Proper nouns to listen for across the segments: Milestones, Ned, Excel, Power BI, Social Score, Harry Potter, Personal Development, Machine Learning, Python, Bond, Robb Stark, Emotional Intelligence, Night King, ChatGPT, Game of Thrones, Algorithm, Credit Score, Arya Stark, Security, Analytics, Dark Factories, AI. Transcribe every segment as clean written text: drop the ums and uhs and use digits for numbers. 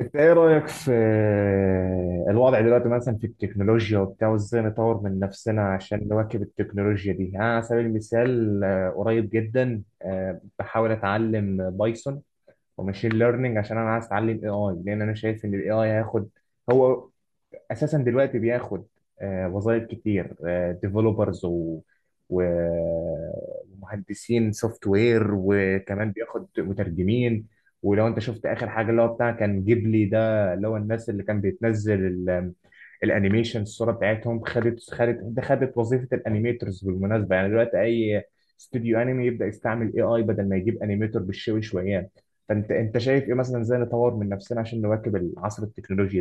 انت ايه رايك في الوضع دلوقتي مثلا في التكنولوجيا وبتاع وازاي نطور من نفسنا عشان نواكب التكنولوجيا دي؟ يعني على سبيل المثال، قريب جدا بحاول اتعلم بايثون وماشين ليرنينج، عشان انا عايز اتعلم اي اي، لان انا شايف ان الاي اي هياخد، هو اساسا دلوقتي بياخد وظائف كتير. ديفلوبرز و و- ومهندسين سوفت وير، وكمان بياخد مترجمين. ولو انت شفت اخر حاجه اللي هو بتاع كان جيبلي ده، اللي هو الناس اللي كان بيتنزل الانيميشن الصوره بتاعتهم، خدت وظيفه الانيميترز بالمناسبه. يعني دلوقتي اي استوديو انمي يبدا يستعمل اي اي بدل ما يجيب انيميتور بالشوي شويان. فانت شايف ايه مثلا، ازاي نطور من نفسنا عشان نواكب العصر التكنولوجي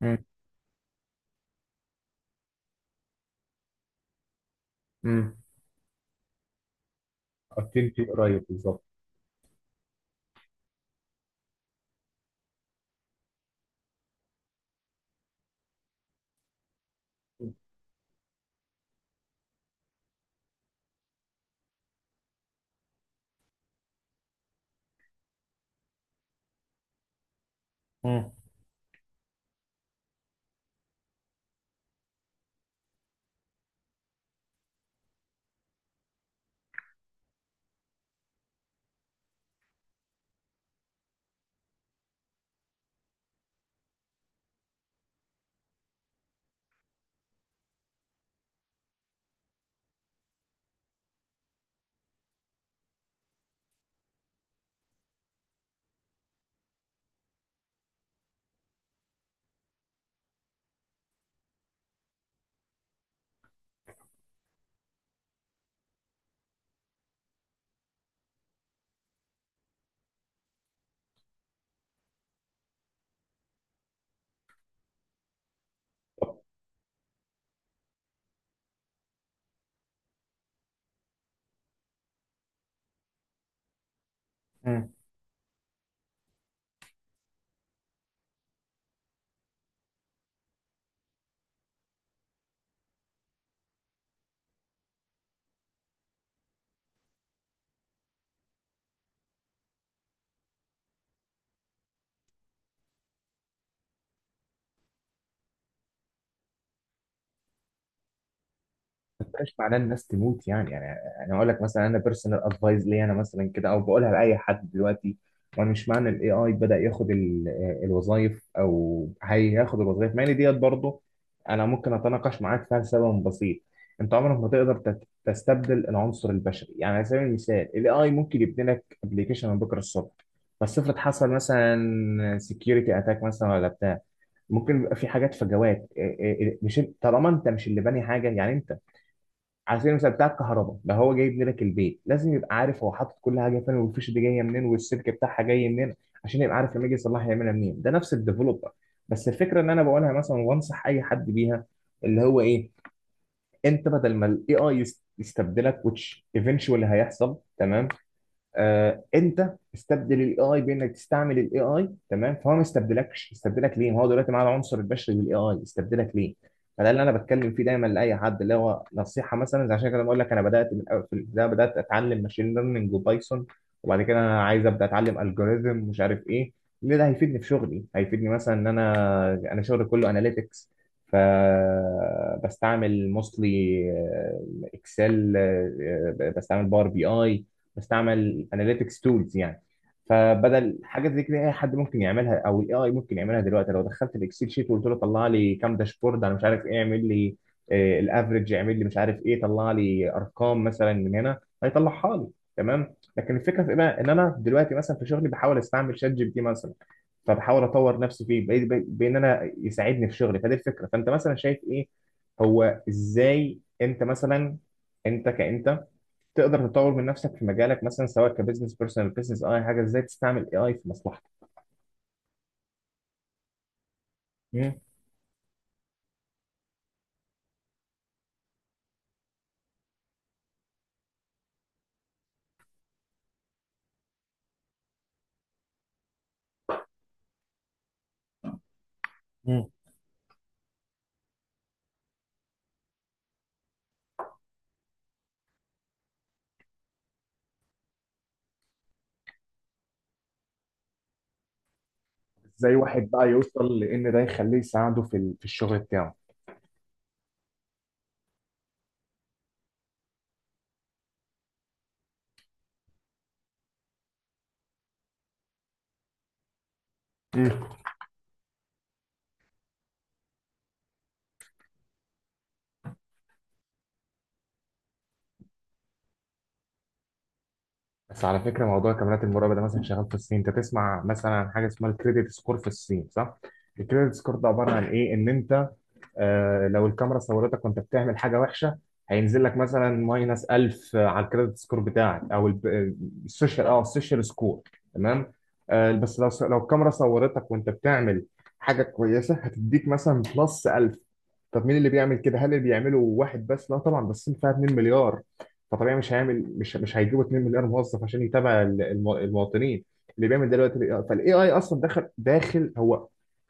ده؟ امم. اكتيفيتي قريب بالظبط. امم. طب. امم. ما بقاش معناه الناس تموت يعني، انا اقول لك مثلا، انا بيرسونال ادفايز ليا انا مثلا كده، او بقولها لاي حد دلوقتي. وانا مش معنى الاي اي بدا ياخد الوظائف او هياخد الوظائف، مع ان ديت برضه انا ممكن اتناقش معاك فيها لسبب بسيط. انت عمرك ما تقدر تستبدل العنصر البشري. يعني على سبيل المثال، الاي اي ممكن يبني لك ابلكيشن من بكره الصبح، بس افرض حصل مثلا سكيورتي اتاك مثلا ولا بتاع، ممكن يبقى في حاجات فجوات. إيه إيه إيه، مش إنت- طالما انت مش اللي باني حاجه، يعني انت على سبيل المثال بتاع الكهرباء ده، هو جاي يبني لك البيت، لازم يبقى عارف هو حاطط كل حاجه فين، والفيش دي جايه منين، والسلك بتاعها جاي منين، عشان يبقى عارف لما يجي يصلحها يعملها منين. ده نفس الديفلوبر. بس الفكره ان انا بقولها مثلا، وانصح اي حد بيها، اللي هو ايه، انت بدل ما الاي اي يستبدلك which eventually هيحصل، تمام، آه انت استبدل الاي اي بانك تستعمل الاي اي، تمام. فهو ما استبدلكش، استبدلك ليه ما هو دلوقتي معاه العنصر البشري بالاي اي، استبدلك ليه؟ فده اللي انا بتكلم فيه دايما لاي حد، اللي هو نصيحه مثلا زي عشان كده بقول لك، انا بدات في البدايه بدات اتعلم ماشين ليرنينج وبايثون، وبعد كده انا عايز ابدا اتعلم الجوريزم مش عارف ايه، ليه ده هيفيدني في شغلي. هيفيدني مثلا ان انا شغلي كله اناليتكس، فبستعمل موستلي اكسل، بستعمل باور بي اي، بستعمل اناليتكس تولز يعني. فبدل حاجه زي كده اي حد ممكن يعملها او الاي اي ممكن يعملها دلوقتي، لو دخلت الاكسل شيت وقلت له طلع لي كام داشبورد انا مش عارف ايه، اعمل لي الافرج، اعمل لي مش عارف ايه، طلع لي ارقام مثلا من هنا، هيطلعها لي. تمام. لكن الفكره في ايه بقى، ان انا دلوقتي مثلا في شغلي بحاول استعمل شات جي بي تي مثلا، فبحاول اطور نفسي فيه، بان انا يساعدني في شغلي. فدي الفكره. فانت مثلا شايف ايه، هو ازاي انت مثلا انت كانت تقدر تطور من نفسك في مجالك، مثلا سواء كبزنس، بيرسونال، بزنس، اي حاجه، ازاي تستعمل اي اي في مصلحتك؟ مم. مم. ازاي واحد بقى يوصل لان ده يخليه يساعده في في الشغل بتاعه؟ مم. بس على فكره موضوع كاميرات المراقبه ده مثلا شغال في الصين. انت تسمع مثلا عن حاجه اسمها الكريدت سكور في الصين، صح؟ الكريدت سكور ده عباره عن ايه، ان انت لو الكاميرا صورتك وانت بتعمل حاجه وحشه، هينزل لك مثلا ماينس 1000 على الكريدت سكور بتاعك، او السوشيال، اه، السوشيال سكور. تمام. بس لو لو الكاميرا صورتك وانت بتعمل حاجه كويسه، هتديك مثلا بلس 1000. طب مين اللي بيعمل كده؟ هل اللي بيعمله واحد بس؟ لا طبعا، بس فيها 2 مليار، فطبيعي مش هيعمل، مش هيجيبوا 2 مليار موظف عشان يتابع المواطنين اللي بيعمل دلوقتي. فالاي اي اصلا داخل، هو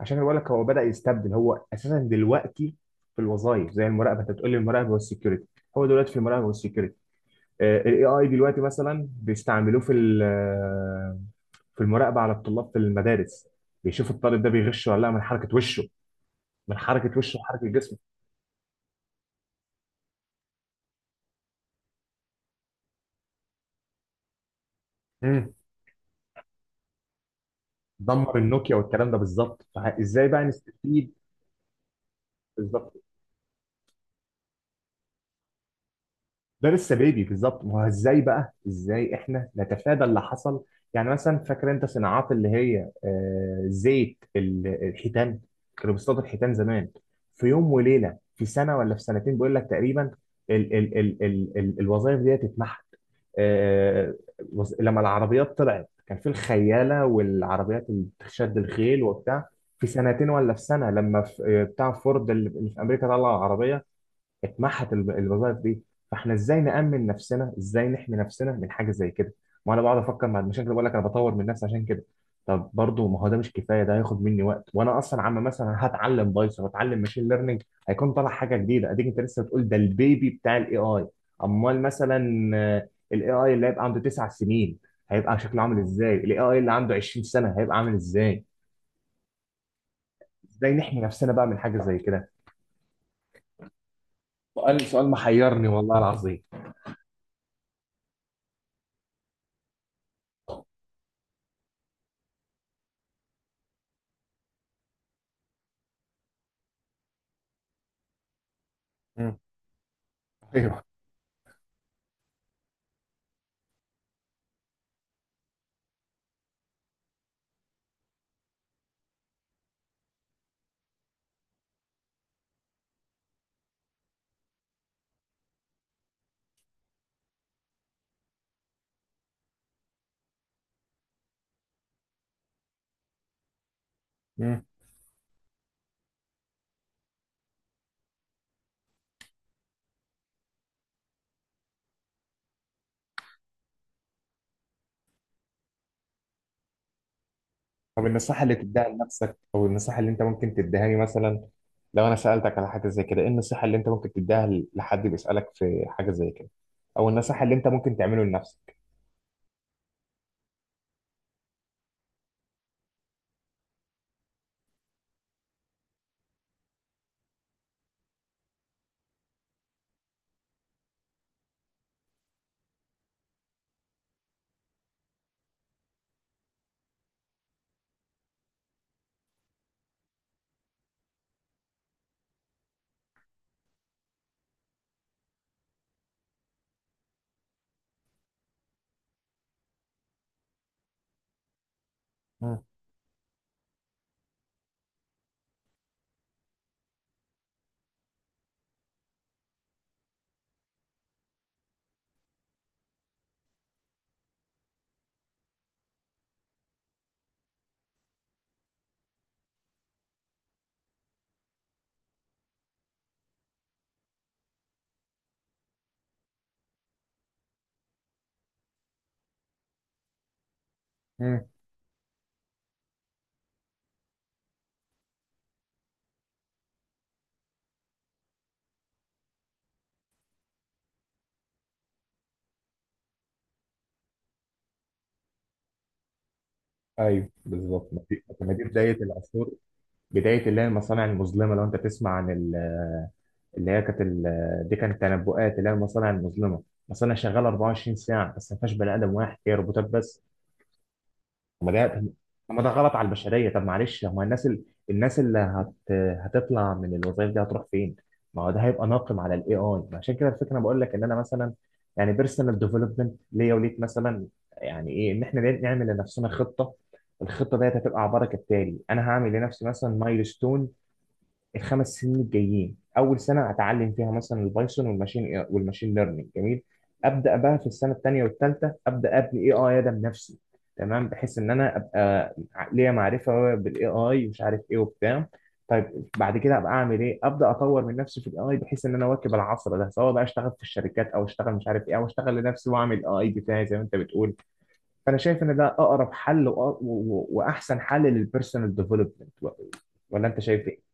عشان بقول لك هو بدأ يستبدل، هو اساسا دلوقتي في الوظائف زي المراقبه. انت بتقول لي المراقبه والسكيورتي، هو دلوقتي في المراقبه والسكيورتي. الاي اي دلوقتي مثلا بيستعملوه في في المراقبه على الطلاب في المدارس، بيشوفوا الطالب ده بيغش ولا لا، من حركه وشه، من حركه وشه وحركه جسمه. مم. دمر النوكيا والكلام ده بالظبط. فازاي بقى نستفيد؟ بالظبط، ده لسه بيبي بالظبط. ما هو ازاي بقى، ازاي احنا نتفادى اللي حصل؟ يعني مثلا فاكر انت صناعات اللي هي زيت الحيتان، كانوا بيصطادوا الحيتان زمان، في يوم وليله في سنه ولا في سنتين بيقول لك تقريبا، ال ال ال ال ال الوظائف دي اتمحت. آه، لما العربيات طلعت، كان في الخياله والعربيات اللي بتشد الخيل وبتاع، في سنتين ولا في سنه لما بتاع فورد اللي في امريكا طلع العربيه، اتمحت الوظائف دي. فاحنا ازاي نأمن نفسنا، ازاي نحمي نفسنا من حاجه زي كده؟ ما انا بقعد افكر مع المشاكل، بقول لك انا بطور من نفسي عشان كده. طب برضه ما هو ده مش كفايه، ده هياخد مني وقت، وانا اصلا عم مثلا هتعلم بايثون واتعلم ماشين ليرنينج، هيكون طالع حاجه جديده، اديك انت لسه بتقول ده البيبي بتاع الاي اي، امال مثلا الاي اي اللي هيبقى عنده تسع سنين هيبقى شكله عامل ازاي؟ الاي اي اللي عنده 20 سنه هيبقى عامل ازاي؟ ازاي نحمي نفسنا بقى من حاجه زي كده؟ سؤال سؤال محيرني والله العظيم. مم. ايوه. طب النصيحة اللي تديها لنفسك، أو النصيحة اللي أنت ممكن تديها لي مثلا، لو أنا سألتك على حاجة زي كده، إيه النصيحة اللي أنت ممكن تديها لحد بيسألك في حاجة زي كده، أو النصيحة اللي أنت ممكن تعمله لنفسك؟ مم. مم. أيوه، بالظبط. ما دي بداية العصور، بداية اللي هي المصانع المظلمة. لو أنت تسمع عن اللي هي كانت دي كانت تنبؤات اللي هي المصانع المظلمة، مصانع شغالة 24 ساعة بس ما فيهاش بني آدم واحد، هي روبوتات بس. طب ما ده طب ما ده غلط على البشريه. طب معلش، هو الناس ال... الناس اللي هت... هتطلع من الوظائف دي هتروح فين؟ ما هو ده هيبقى ناقم على الاي اي. عشان كده الفكره انا بقول لك، ان انا مثلا يعني بيرسونال ديفلوبمنت ليا وليك مثلا، يعني ايه، ان احنا نعمل لنفسنا خطه. الخطه ديت هتبقى عباره كالتالي: انا هعمل لنفسي مثلا مايلستون الخمس سنين الجايين. اول سنه هتعلم فيها مثلا البايثون والماشين والماشين ليرنينج، جميل. ابدا بقى في السنه الثانيه والثالثه ابدا ابني اي اي ادم نفسي، تمام، بحيث ان انا ابقى ليا معرفه بالاي اي ومش عارف ايه وبتاع. طيب بعد كده ابقى اعمل ايه؟ ابدا اطور من نفسي في الاي اي، بحيث ان انا اواكب العصر ده، سواء بقى اشتغل في الشركات، او اشتغل مش عارف ايه، او اشتغل لنفسي واعمل اي بتاعي زي ما انت بتقول. فانا شايف ان ده اقرب حل وأ- و- و- واحسن حل للبيرسونال ديفلوبمنت. ولا انت شايف ايه؟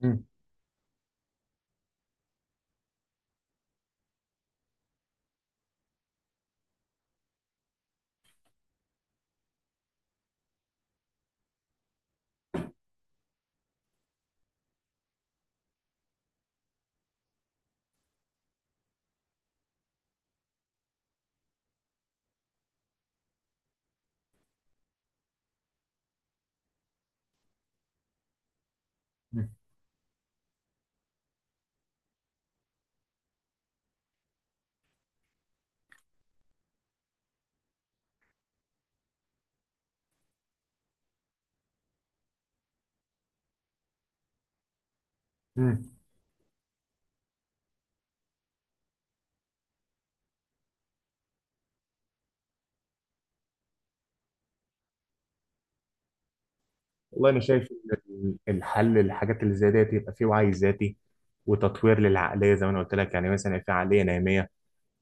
مم. مم. مم. والله انا شايف ان الحل للحاجات اللي زي ديت يبقى فيه وعي ذاتي، وتطوير للعقليه، زي ما انا قلت لك، يعني مثلا في عقليه ناميه،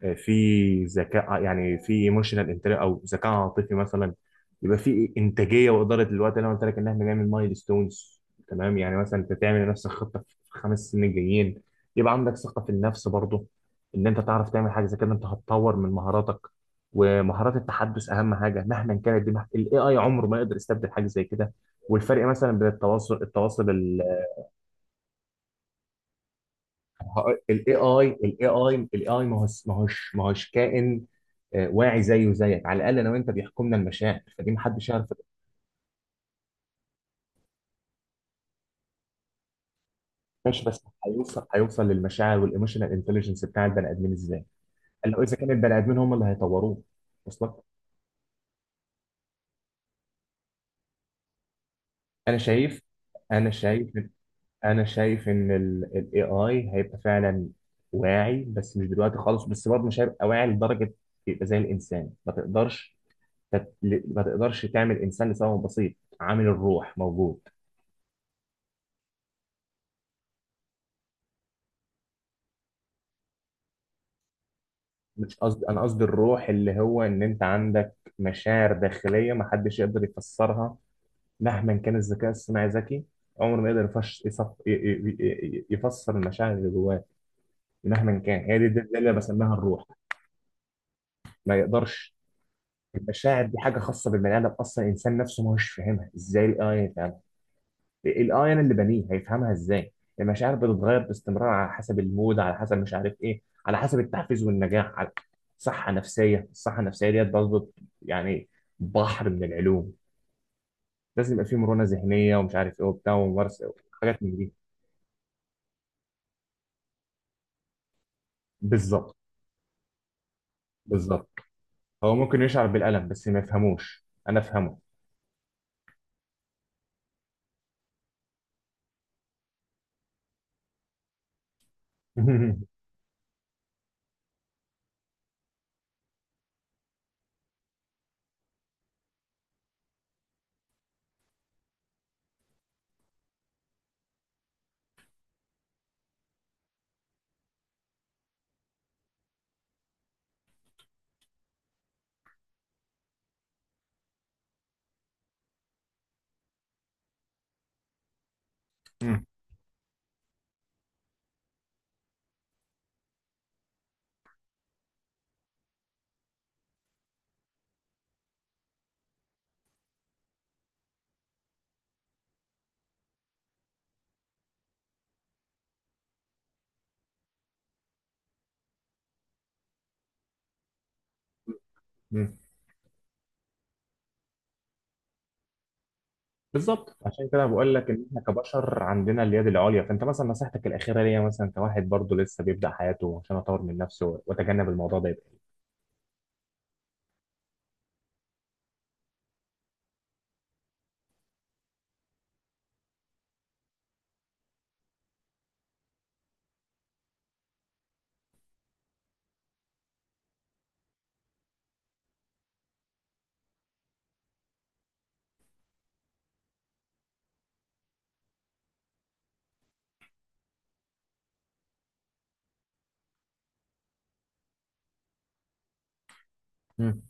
في ذكاء، يعني في ايموشنال انتليجنس او ذكاء عاطفي مثلا، يبقى في انتاجيه واداره الوقت اللي انا قلت لك ان احنا نعمل مايل ستونز، تمام، يعني مثلا انت تعمل لنفسك خطه في خمس سنين جايين. يبقى عندك ثقه في النفس برضه ان انت تعرف تعمل حاجه زي كده. انت هتطور من مهاراتك ومهارات التحدث، اهم حاجه، مهما كانت دي الاي اي عمره ما يقدر يستبدل حاجه زي كده. والفرق مثلا بين التواصل الاي اي، ما هوش ما هوش كائن واعي زيه وزيك. على الاقل انا وانت بيحكمنا المشاعر، فدي ما حدش يعرف. ماشي، بس هيوصل، للمشاعر والايموشنال انتليجنس بتاع البني ادمين ازاي؟ قال له اذا كان البني ادمين هم اللي هيطوروه. وصلك. انا شايف انا شايف انا شايف ان الاي اي هيبقى فعلا واعي، بس مش دلوقتي خالص، بس برضه مش هيبقى واعي لدرجه يبقى زي الانسان، ما تقدرش ما تقدرش تعمل انسان لسبب بسيط: عامل الروح موجود. مش قصدي، انا قصدي الروح اللي هو ان انت عندك مشاعر داخليه ما حدش يقدر يفسرها. مهما كان الذكاء الصناعي ذكي، عمره ما يقدر يفش يصف ي- ي- ي- يفسر المشاعر اللي جواه، مهما كان. هي دي، دي اللي أنا بسميها الروح. ما يقدرش. المشاعر دي حاجه خاصه بالبني ادم، اصلا الانسان نفسه ما هوش فاهمها، ازاي الاي انا اللي بنيه هيفهمها ازاي؟ المشاعر بتتغير باستمرار، على حسب المود، على حسب مش عارف ايه، على حسب التحفيز والنجاح، على صحه نفسيه، الصحه النفسيه ديت برضه يعني بحر من العلوم. لازم يبقى فيه مرونه ذهنيه ومش عارف ايه وبتاع وممارسه، حاجات من دي. بالظبط. بالظبط، هو ممكن يشعر بالالم بس ما يفهموش انا افهمه. بالظبط، عشان كده بقول لك ان احنا كبشر عندنا اليد العليا. فانت مثلا نصيحتك الاخيره ليا مثلا كواحد برضه لسه بيبدا حياته، عشان اطور من نفسي واتجنب الموضوع ده، يبقى. مم.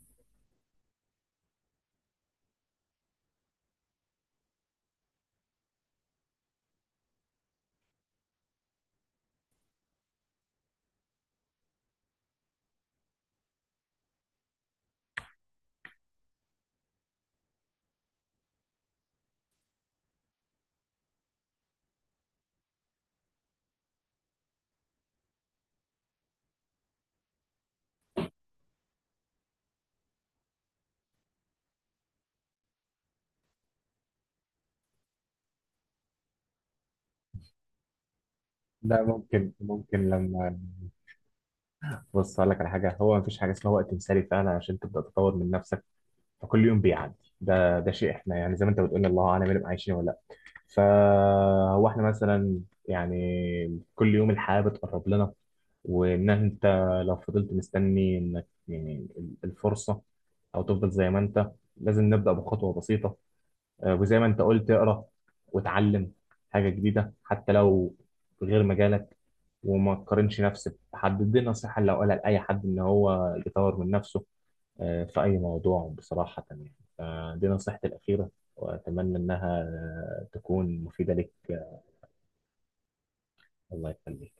ده ممكن، ممكن لما، بص اقول لك على حاجه، هو مفيش حاجه اسمها وقت مثالي فعلا عشان تبدا تطور من نفسك. فكل يوم بيعدي، ده ده شيء، احنا يعني زي ما انت بتقول الله اعلم هنبقى عايشين ولا. فهو احنا مثلا يعني كل يوم الحياة بتقرب لنا. وان انت لو فضلت مستني انك يعني الفرصة، او تفضل زي ما انت، لازم نبدأ بخطوة بسيطة، وزي ما انت قلت اقرا وتعلم حاجة جديدة حتى لو غير مجالك. وما تقارنش نفسك بحد، دي نصيحة اللي هقولها لأي حد إن هو يطور من نفسه في أي موضوع بصراحة يعني. فدي نصيحتي الأخيرة، وأتمنى إنها تكون مفيدة لك. الله يخليك.